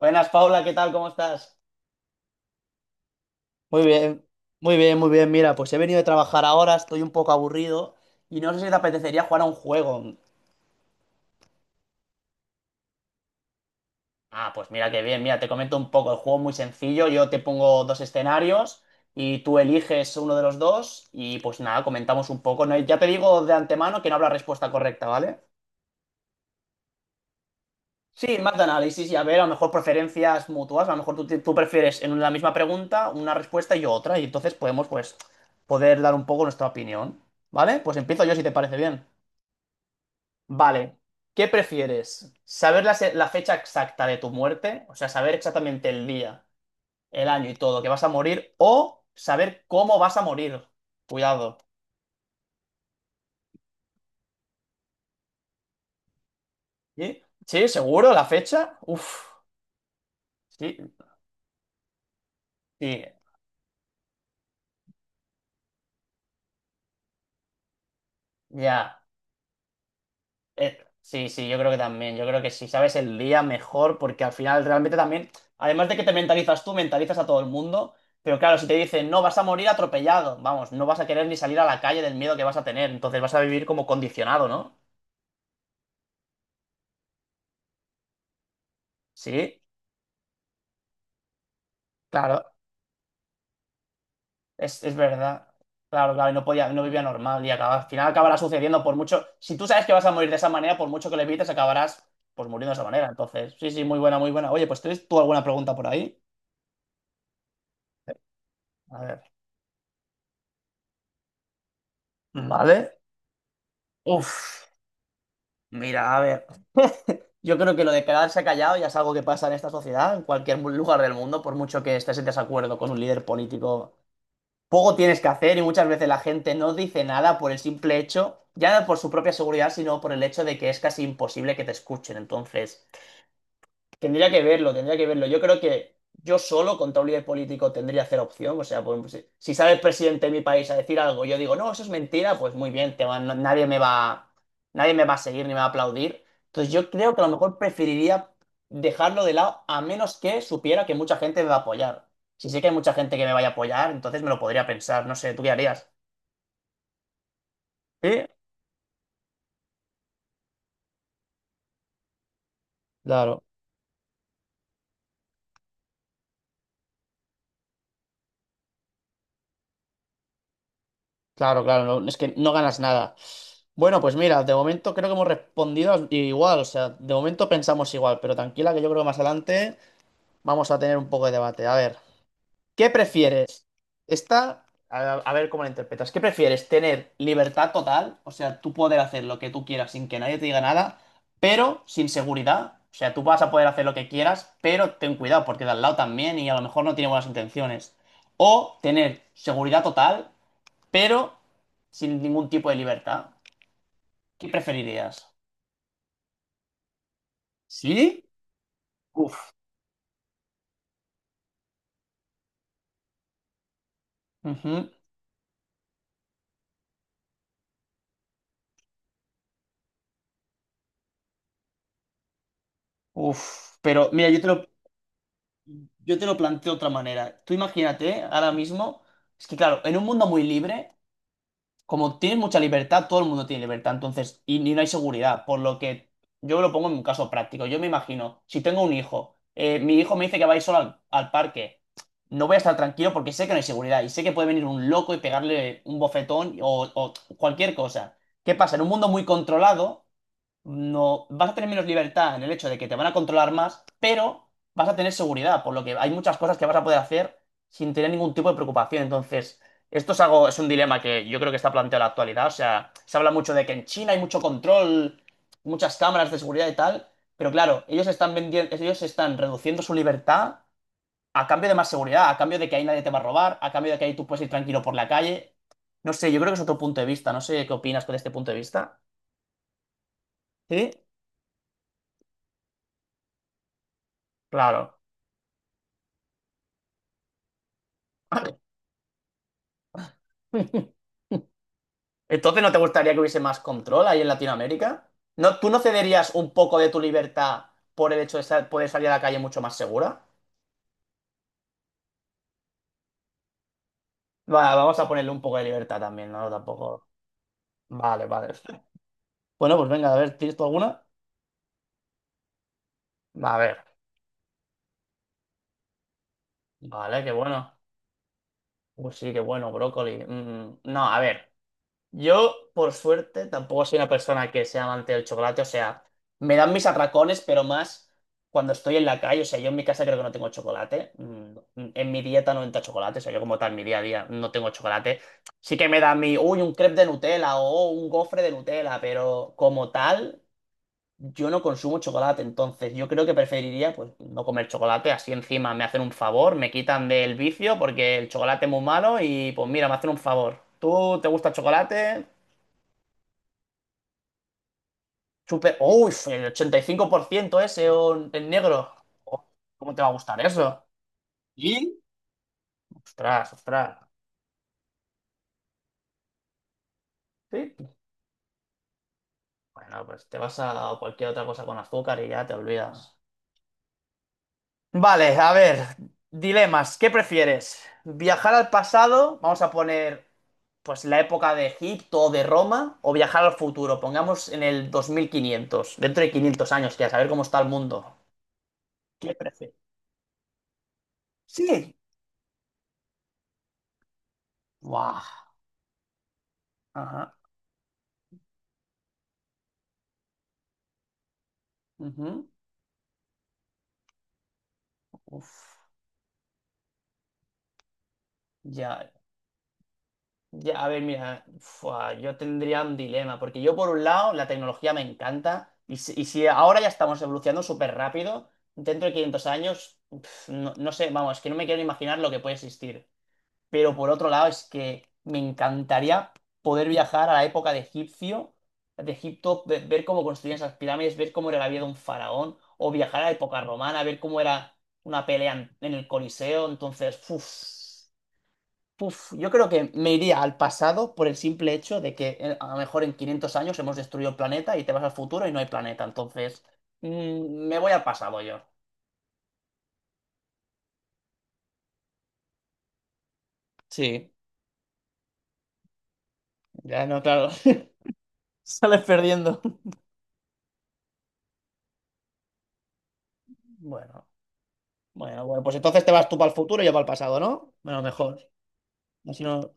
Buenas, Paula, ¿qué tal? ¿Cómo estás? Muy bien, muy bien, muy bien. Mira, pues he venido de trabajar ahora, estoy un poco aburrido y no sé si te apetecería jugar a un juego. Ah, pues mira qué bien, mira, te comento un poco, el juego es muy sencillo, yo te pongo dos escenarios y tú eliges uno de los dos y pues nada, comentamos un poco. No hay- Ya te digo de antemano que no habrá respuesta correcta, ¿vale? Sí, más de análisis y a ver, a lo mejor preferencias mutuas, a lo mejor tú prefieres en la misma pregunta una respuesta y yo otra, y entonces podemos pues poder dar un poco nuestra opinión, ¿vale? Pues empiezo yo si te parece bien. Vale, ¿qué prefieres? ¿Saber la fecha exacta de tu muerte? O sea, saber exactamente el día, el año y todo que vas a morir, o saber cómo vas a morir. Cuidado. ¿Sí? ¿Sí? ¿Seguro? ¿La fecha? Uf, sí, sí, ya. Sí, sí, yo creo que también. Yo creo que si sabes el día mejor, porque al final realmente también, además de que te mentalizas tú, mentalizas a todo el mundo. Pero claro, si te dicen, no, vas a morir atropellado, vamos, no vas a querer ni salir a la calle del miedo que vas a tener. Entonces vas a vivir como condicionado, ¿no? Sí, claro, es verdad. Claro, claro, y no podía, no vivía normal y acaba, al final acabará sucediendo por mucho. Si tú sabes que vas a morir de esa manera, por mucho que le evites, acabarás pues muriendo de esa manera. Entonces, sí, sí, muy buena, muy buena. Oye, pues ¿tienes tú alguna pregunta por ahí? A ver. Vale. Uf. Mira, a ver, yo creo que lo de quedarse callado ya es algo que pasa en esta sociedad, en cualquier lugar del mundo, por mucho que estés en desacuerdo con un líder político. Poco tienes que hacer y muchas veces la gente no dice nada por el simple hecho, ya no por su propia seguridad, sino por el hecho de que es casi imposible que te escuchen. Entonces, tendría que verlo, tendría que verlo. Yo creo que yo solo contra un líder político tendría cero opción. O sea, pues, si sale el presidente de mi país a decir algo, yo digo, no, eso es mentira, pues muy bien, te va- no- nadie me va, nadie me va a seguir ni me va a aplaudir. Entonces yo creo que a lo mejor preferiría dejarlo de lado a menos que supiera que mucha gente me va a apoyar. Si sé que hay mucha gente que me vaya a apoyar, entonces me lo podría pensar. No sé, ¿tú qué harías? Sí. Claro. Claro, claro, es que no ganas nada. Bueno, pues mira, de momento creo que hemos respondido igual, o sea, de momento pensamos igual, pero tranquila que yo creo que más adelante vamos a tener un poco de debate. A ver, ¿qué prefieres? Esta, a ver cómo la interpretas. ¿Qué prefieres? ¿Tener libertad total? O sea, tú poder hacer lo que tú quieras sin que nadie te diga nada, pero sin seguridad. O sea, tú vas a poder hacer lo que quieras, pero ten cuidado porque de al lado también y a lo mejor no tiene buenas intenciones. O tener seguridad total pero sin ningún tipo de libertad. ¿Qué preferirías? ¿Sí? Uf, ujú, uf. Pero mira, yo te lo planteo de otra manera. Tú imagínate ahora mismo, es que claro, en un mundo muy libre, como tienes mucha libertad, todo el mundo tiene libertad, entonces, y no hay seguridad, por lo que yo lo pongo en un caso práctico. Yo me imagino, si tengo un hijo, mi hijo me dice que va a ir solo al parque, no voy a estar tranquilo porque sé que no hay seguridad y sé que puede venir un loco y pegarle un bofetón o cualquier cosa. ¿Qué pasa? En un mundo muy controlado no vas a tener menos libertad en el hecho de que te van a controlar más, pero vas a tener seguridad, por lo que hay muchas cosas que vas a poder hacer sin tener ningún tipo de preocupación. Entonces, esto es algo, es un dilema que yo creo que está planteado en la actualidad. O sea, se habla mucho de que en China hay mucho control, muchas cámaras de seguridad y tal, pero claro, ellos están vendiendo, ellos están reduciendo su libertad a cambio de más seguridad, a cambio de que ahí nadie te va a robar, a cambio de que ahí tú puedes ir tranquilo por la calle. No sé, yo creo que es otro punto de vista. No sé qué opinas con este punto de vista. Sí, claro. Entonces, ¿no te gustaría que hubiese más control ahí en Latinoamérica? ¿No, tú no cederías un poco de tu libertad por el hecho de poder salir a la calle mucho más segura? Va, vamos a ponerle un poco de libertad también, ¿no? Tampoco. Vale, vale. Bueno, pues venga, a ver, ¿tienes tú alguna? A ver. Vale, qué bueno. Pues sí, qué bueno, brócoli. Mm, no, a ver. Yo, por suerte, tampoco soy una persona que sea amante del chocolate. O sea, me dan mis atracones, pero más cuando estoy en la calle. O sea, yo en mi casa creo que no tengo chocolate. En mi dieta no entra chocolate. O sea, yo como tal, mi día a día no tengo chocolate. Sí que me da mi, uy, un crepe de Nutella o un gofre de Nutella, pero como tal, yo no consumo chocolate. Entonces, yo creo que preferiría, pues, no comer chocolate. Así encima me hacen un favor, me quitan del vicio porque el chocolate es muy malo y, pues, mira, me hacen un favor. ¿Tú te gusta el chocolate? Super, uy, el 85% ese o en negro. Oh, ¿cómo te va a gustar eso? Ostras, ostras. Sí. Bueno, pues te vas a cualquier otra cosa con azúcar y ya te olvidas. Vale, a ver, dilemas. ¿Qué prefieres? ¿Viajar al pasado? Vamos a poner, pues, la época de Egipto o de Roma, o viajar al futuro, pongamos en el 2500 dentro de 500 años, que a saber cómo está el mundo. ¿Qué prefieres? Sí. Buah. Ajá. Ujú. Uf. Ya. Ya, a ver, mira, fua, yo tendría un dilema, porque yo por un lado la tecnología me encanta, y si ahora ya estamos evolucionando súper rápido, dentro de 500 años, pf, no, no sé, vamos, es que no me quiero ni imaginar lo que puede existir. Pero por otro lado es que me encantaría poder viajar a la época de Egipcio, de Egipto, ver cómo construían esas pirámides, ver cómo era la vida de un faraón, o viajar a la época romana, ver cómo era una pelea en el Coliseo, entonces, uff. Uf, yo creo que me iría al pasado por el simple hecho de que a lo mejor en 500 años hemos destruido el planeta y te vas al futuro y no hay planeta. Entonces, mm, me voy al pasado yo. Sí, ya no, claro. Sales perdiendo. Bueno, bueno, bueno, pues entonces te vas tú para el futuro y yo para el pasado, ¿no? Bueno, mejor. Así no.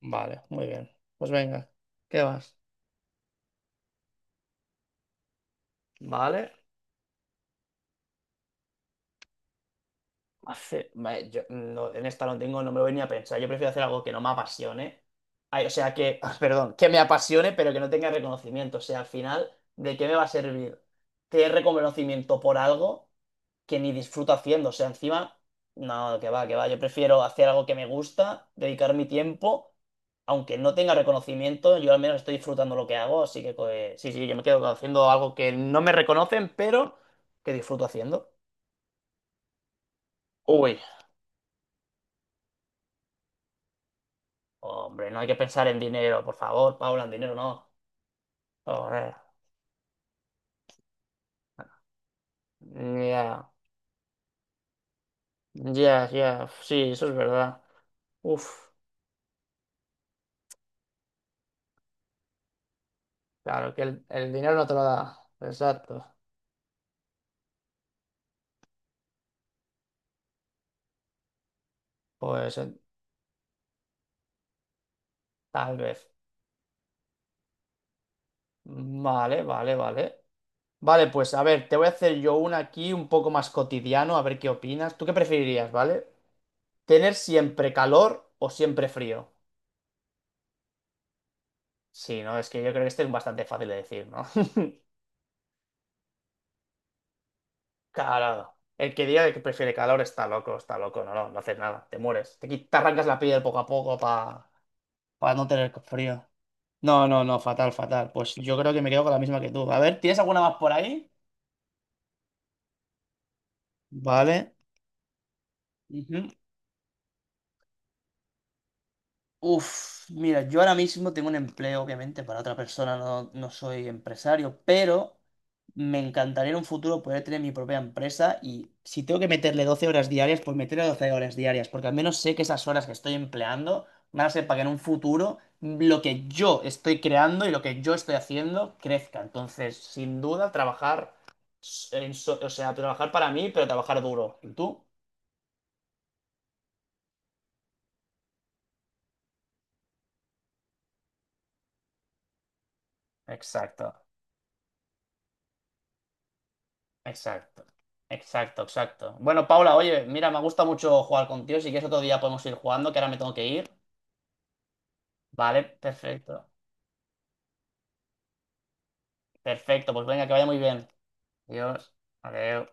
Vale, muy bien. Pues venga, ¿qué vas? Vale. Hace- me- yo no- En esta no tengo, no me lo voy ni a pensar. Yo prefiero hacer algo que no me apasione. Ay, o sea, que, perdón, que me apasione, pero que no tenga reconocimiento. O sea, al final, ¿de qué me va a servir tener reconocimiento por algo que ni disfruto haciendo? O sea, encima, no, que va, que va. Yo prefiero hacer algo que me gusta, dedicar mi tiempo, aunque no tenga reconocimiento, yo al menos estoy disfrutando lo que hago. Así que, pues, sí, sí, yo me quedo haciendo algo que no me reconocen, pero que disfruto haciendo. Uy, hombre, no hay que pensar en dinero, por favor, Paula, en dinero no. Joder. Ya, ya, ya. Sí, eso es verdad. Uf, claro, que el dinero no te lo da. Exacto. Pues tal vez. Vale, vale, vale. Vale, pues a ver, te voy a hacer yo una aquí un poco más cotidiano, a ver qué opinas. ¿Tú qué preferirías, vale? ¿Tener siempre calor o siempre frío? Sí, no, es que yo creo que este es bastante fácil de decir, ¿no? Claro. El que diga que prefiere calor está loco, no, no, no haces nada, te mueres. Te arrancas la piel poco a poco para no tener frío. No, no, no, fatal, fatal. Pues yo creo que me quedo con la misma que tú. A ver, ¿tienes alguna más por ahí? Vale. Ujú. Uf, mira, yo ahora mismo tengo un empleo, obviamente, para otra persona, no, no soy empresario, pero me encantaría en un futuro poder tener mi propia empresa y si tengo que meterle 12 horas diarias, pues meterle 12 horas diarias, porque al menos sé que esas horas que estoy empleando van a ser para que en un futuro lo que yo estoy creando y lo que yo estoy haciendo crezca. Entonces, sin duda, trabajar, o sea, trabajar para mí, pero trabajar duro. ¿Y tú? Exacto. Exacto, exacto, exacto. Bueno, Paula, oye, mira, me gusta mucho jugar contigo. Si quieres otro día podemos ir jugando, que ahora me tengo que ir. Vale, perfecto. Perfecto, pues venga, que vaya muy bien. Adiós. Adiós.